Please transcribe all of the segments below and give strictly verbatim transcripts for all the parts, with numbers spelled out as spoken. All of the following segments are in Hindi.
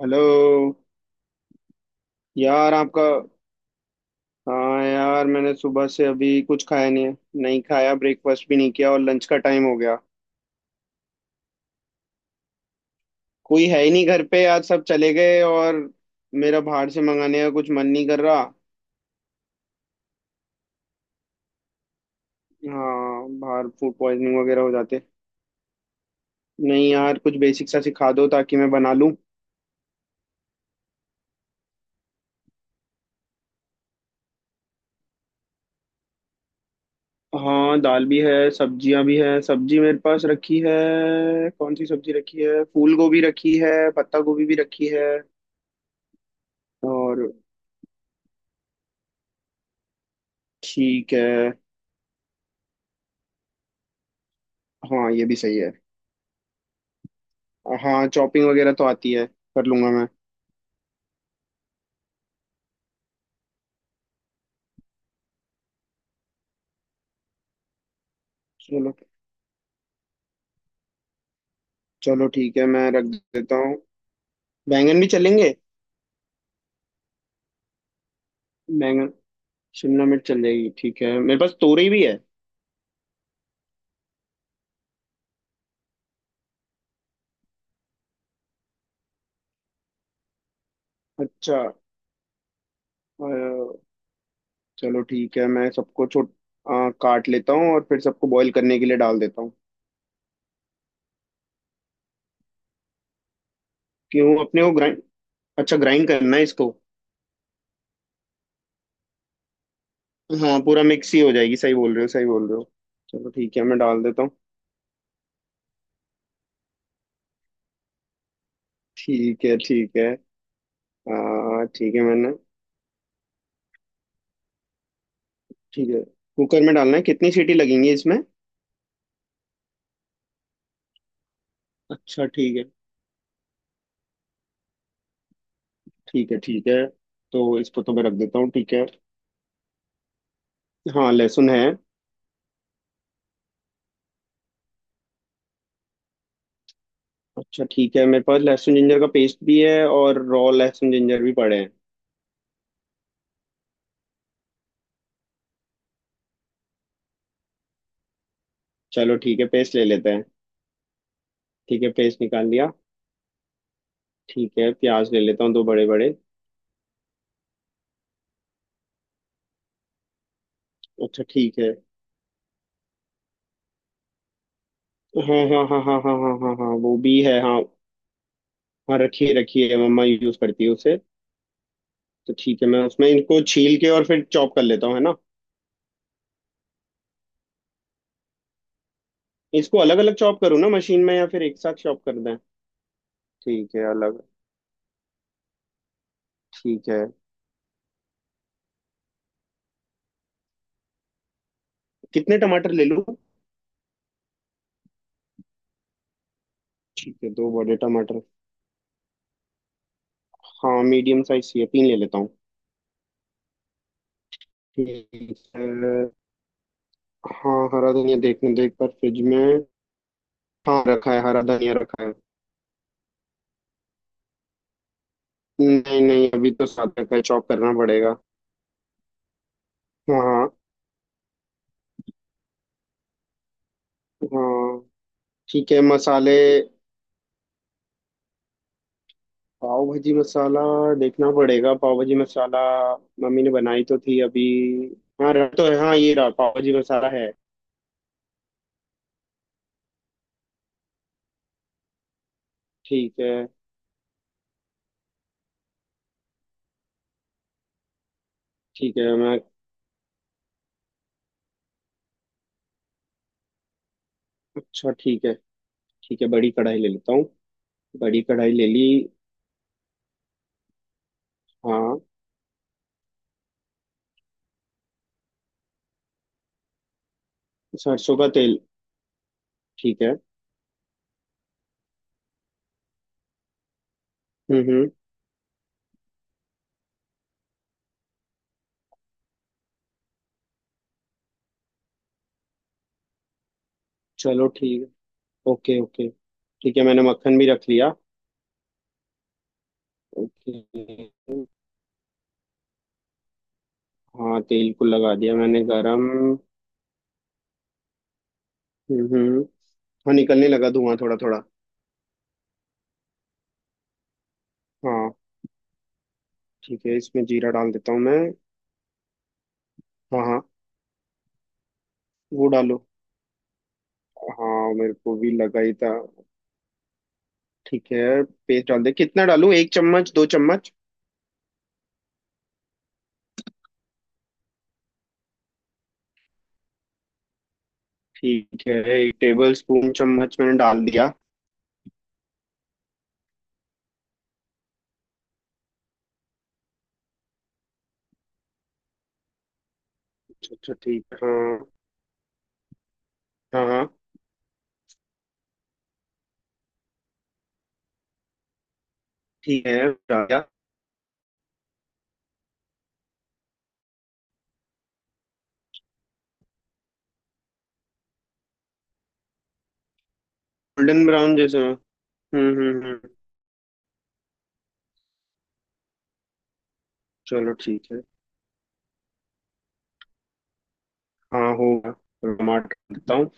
हेलो यार। आपका। हाँ यार, मैंने सुबह से अभी कुछ खाया नहीं है। नहीं खाया, ब्रेकफास्ट भी नहीं किया और लंच का टाइम हो गया। कोई है ही नहीं घर पे, आज सब चले गए और मेरा बाहर से मंगाने का कुछ मन नहीं कर रहा। हाँ बाहर फूड पॉइजनिंग वगैरह हो जाते। नहीं यार, कुछ बेसिक सा सिखा दो ताकि मैं बना लूँ। हाँ दाल भी है, सब्जियां भी है, सब्जी मेरे पास रखी है। कौन सी सब्जी रखी है? फूल गोभी रखी है, पत्ता गोभी भी रखी है। और। ठीक है, हाँ ये भी सही है। हाँ चॉपिंग वगैरह तो आती है, कर लूंगा मैं। चलो। चलो ठीक है, मैं रख देता हूँ। बैंगन भी चलेंगे? बैंगन शिमला मिर्च चल जाएगी, ठीक है, मेरे पास तोरी भी है। अच्छा। अ, चलो ठीक है, मैं सबको छोट अ, काट लेता हूँ और फिर सबको बॉईल करने के लिए डाल देता हूँ। क्यों अपने को ग्राइंड अच्छा, ग्राइंड करना है इसको? हाँ पूरा मिक्स ही हो जाएगी, सही बोल रहे हो, सही बोल रहे हो। चलो ठीक है, मैं डाल देता हूँ। ठीक है, ठीक है। आ, ठीक है, मैंने। ठीक है। कुकर में डालना है, कितनी सीटी लगेंगी इसमें? अच्छा ठीक है। ठीक है, ठीक है। तो इसको तो मैं रख देता हूँ, ठीक है। हाँ लहसुन है। अच्छा ठीक है, मेरे पास लहसुन जिंजर का पेस्ट भी है और रॉ लहसुन जिंजर भी पड़े हैं। चलो ठीक है, पेस्ट ले लेते हैं। ठीक है, पेस्ट निकाल लिया। ठीक है, प्याज ले लेता हूँ दो बड़े बड़े। अच्छा ठीक है। हाँ हाँ हाँ हाँ हाँ हाँ हाँ हाँ, वो भी है हाँ। हाँ रखिए रखिए, मम्मा यूज करती है उसे। तो ठीक है, मैं उसमें इनको छील के और फिर चॉप कर लेता हूँ, है ना? इसको अलग अलग चॉप करूँ ना मशीन में या फिर एक साथ चॉप कर दें? ठीक है, अलग। ठीक है। कितने टमाटर ले लूँ? ठीक है, दो बड़े टमाटर। हाँ मीडियम साइज चाहिए, तीन ले लेता हूँ। ठीक है। हाँ हरा धनिया देखने देख पर फ्रिज में। हाँ रखा है, हरा धनिया रखा है। नहीं नहीं, अभी तो साथ रखा है, चॉप करना पड़ेगा। हाँ हाँ, ठीक है मसाले। पाव भाजी मसाला। देखना पड़ेगा पाव भाजी मसाला। मम्मी ने बनाई तो थी अभी। हाँ रहा तो है, हाँ ये रहा, पाव भाजी मसाला है। ठीक है। ठीक है मैं। अच्छा ठीक है। ठीक है, बड़ी कढ़ाई ले लेता हूँ। बड़ी कढ़ाई ले ली। हाँ सरसों का तेल। ठीक है। हम्म हम्म। चलो ठीक है। Okay okay. ठीक है, मैंने मक्खन भी रख लिया। ओके। हाँ तेल को लगा दिया मैंने गरम। हम्म हम्म। हाँ निकलने लगा धुआं, थोड़ा थोड़ा। हाँ। ठीक है, इसमें जीरा डाल देता हूँ मैं। हाँ हाँ। वो डालो। हाँ मेरे को भी लगा ही था। ठीक है, पेस्ट डाल दे, कितना डालूं, एक चम्मच दो चम्मच? ठीक है, एक टेबल स्पून चम्मच मैंने डाल दिया। अच्छा अच्छा, ठीक है हाँ। हाँ हाँ। ठीक है, डाल दिया। गोल्डन ब्राउन जैसे हो। हम्म हम्म हम्म। चलो ठीक है। हाँ होगा, टमाटर डाल देता हूँ।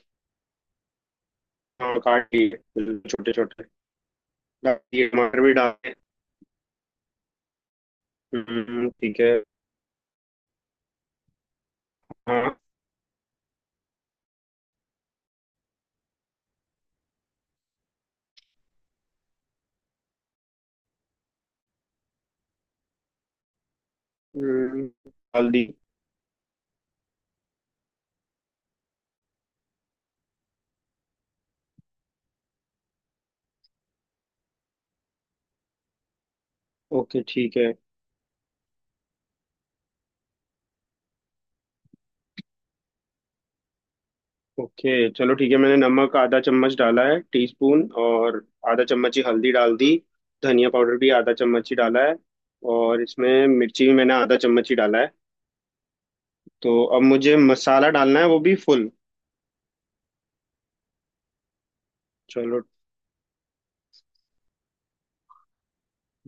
हाँ काट लिए, छोटे छोटे। डाल दिए, टमाटर भी डाल दिए। हम्म हम्म, ठीक है हाँ। हम्म, डाल दी। ओके ठीक है। ओके चलो ठीक है, मैंने नमक आधा चम्मच डाला है, टीस्पून, और आधा चम्मच ही हल्दी डाल दी। धनिया पाउडर भी आधा चम्मच ही डाला है। और इसमें मिर्ची भी मैंने आधा चम्मच ही डाला है। तो अब मुझे मसाला डालना है, वो भी फुल। चलो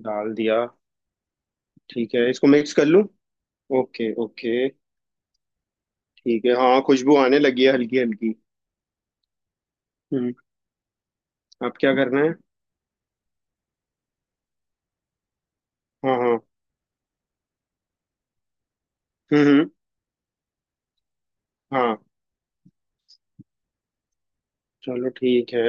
डाल दिया। ठीक है, इसको मिक्स कर लूँ। Okay okay. ठीक है, हाँ खुशबू आने लगी है, हल्की हल्की। हम्म। अब क्या करना है? हाँ हाँ। हम्म हम्म। हाँ। चलो ठीक है।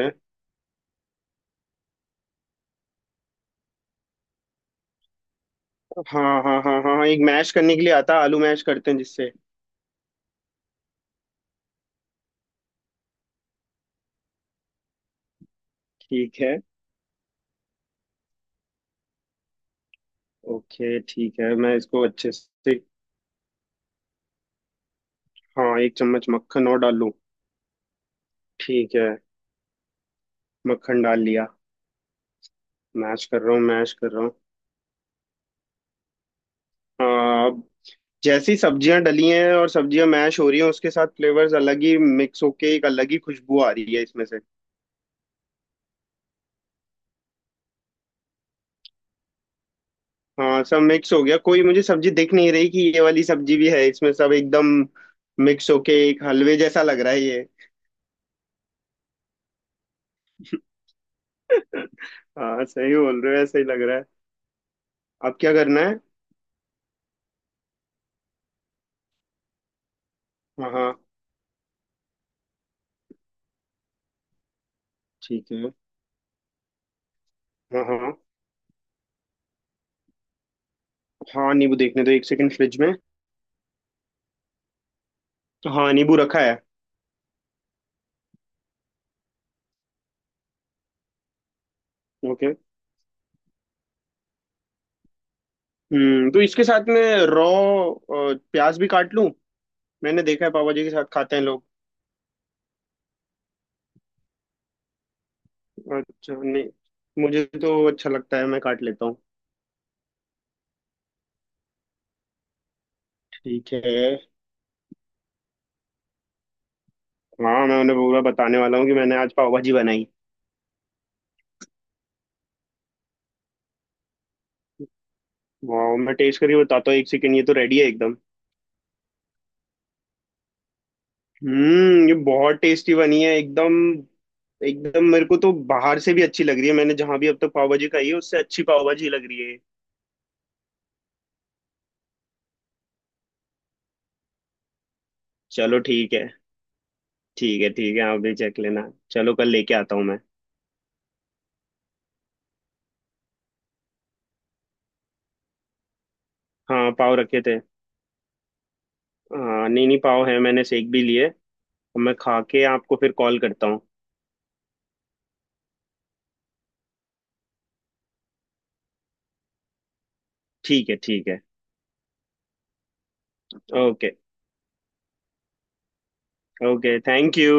हाँ हाँ हाँ हाँ हाँ, एक मैश करने के लिए आता है, आलू मैश करते हैं जिससे। ठीक है। ओके ठीक है, मैं इसको अच्छे से। हाँ एक चम्मच मक्खन और डाल लूँ। ठीक है, मक्खन डाल लिया। मैश कर रहा हूँ, मैश कर रहा हूँ। हाँ, अब जैसी सब्जियां डली हैं और सब्जियां मैश हो रही हैं, उसके साथ फ्लेवर्स अलग ही मिक्स होके एक अलग ही खुशबू आ रही है इसमें से। हाँ सब मिक्स हो गया, कोई मुझे सब्जी दिख नहीं रही कि ये वाली सब्जी भी है, इसमें सब एकदम मिक्स होके एक हलवे जैसा लग रहा है ये। हाँ सही बोल रहे हो, ऐसा ही लग रहा है। अब क्या करना है? हाँ हाँ ठीक है। हाँ हाँ। हाँ नींबू देखने दो, एक सेकंड, फ्रिज में। तो हाँ, नींबू रखा है। ओके। हम्म, तो इसके साथ में रॉ प्याज भी काट लूं। मैंने देखा है, पापा जी के साथ खाते हैं लोग। अच्छा नहीं, मुझे तो अच्छा लगता है, मैं काट लेता हूँ। ठीक है। हाँ मैं उन्हें पूरा बताने वाला हूँ कि मैंने आज पाव भाजी बनाई। वाह, मैं टेस्ट करके बताता हूँ, एक सेकंड, ये तो रेडी है एकदम। हम्म, ये बहुत टेस्टी बनी है एकदम। एकदम, मेरे को तो बाहर से भी अच्छी लग रही है, मैंने जहां भी अब तक पाव भाजी खाई है उससे अच्छी पाव भाजी लग रही है। चलो ठीक है। ठीक है ठीक है, आप भी चख लेना, चलो कल लेके आता हूँ मैं। हाँ पाव रखे थे। हाँ नहीं नहीं, पाव है, मैंने सेक भी लिए। अब मैं खा के आपको फिर कॉल करता हूँ। ठीक है, ठीक है। Okay okay, thank you.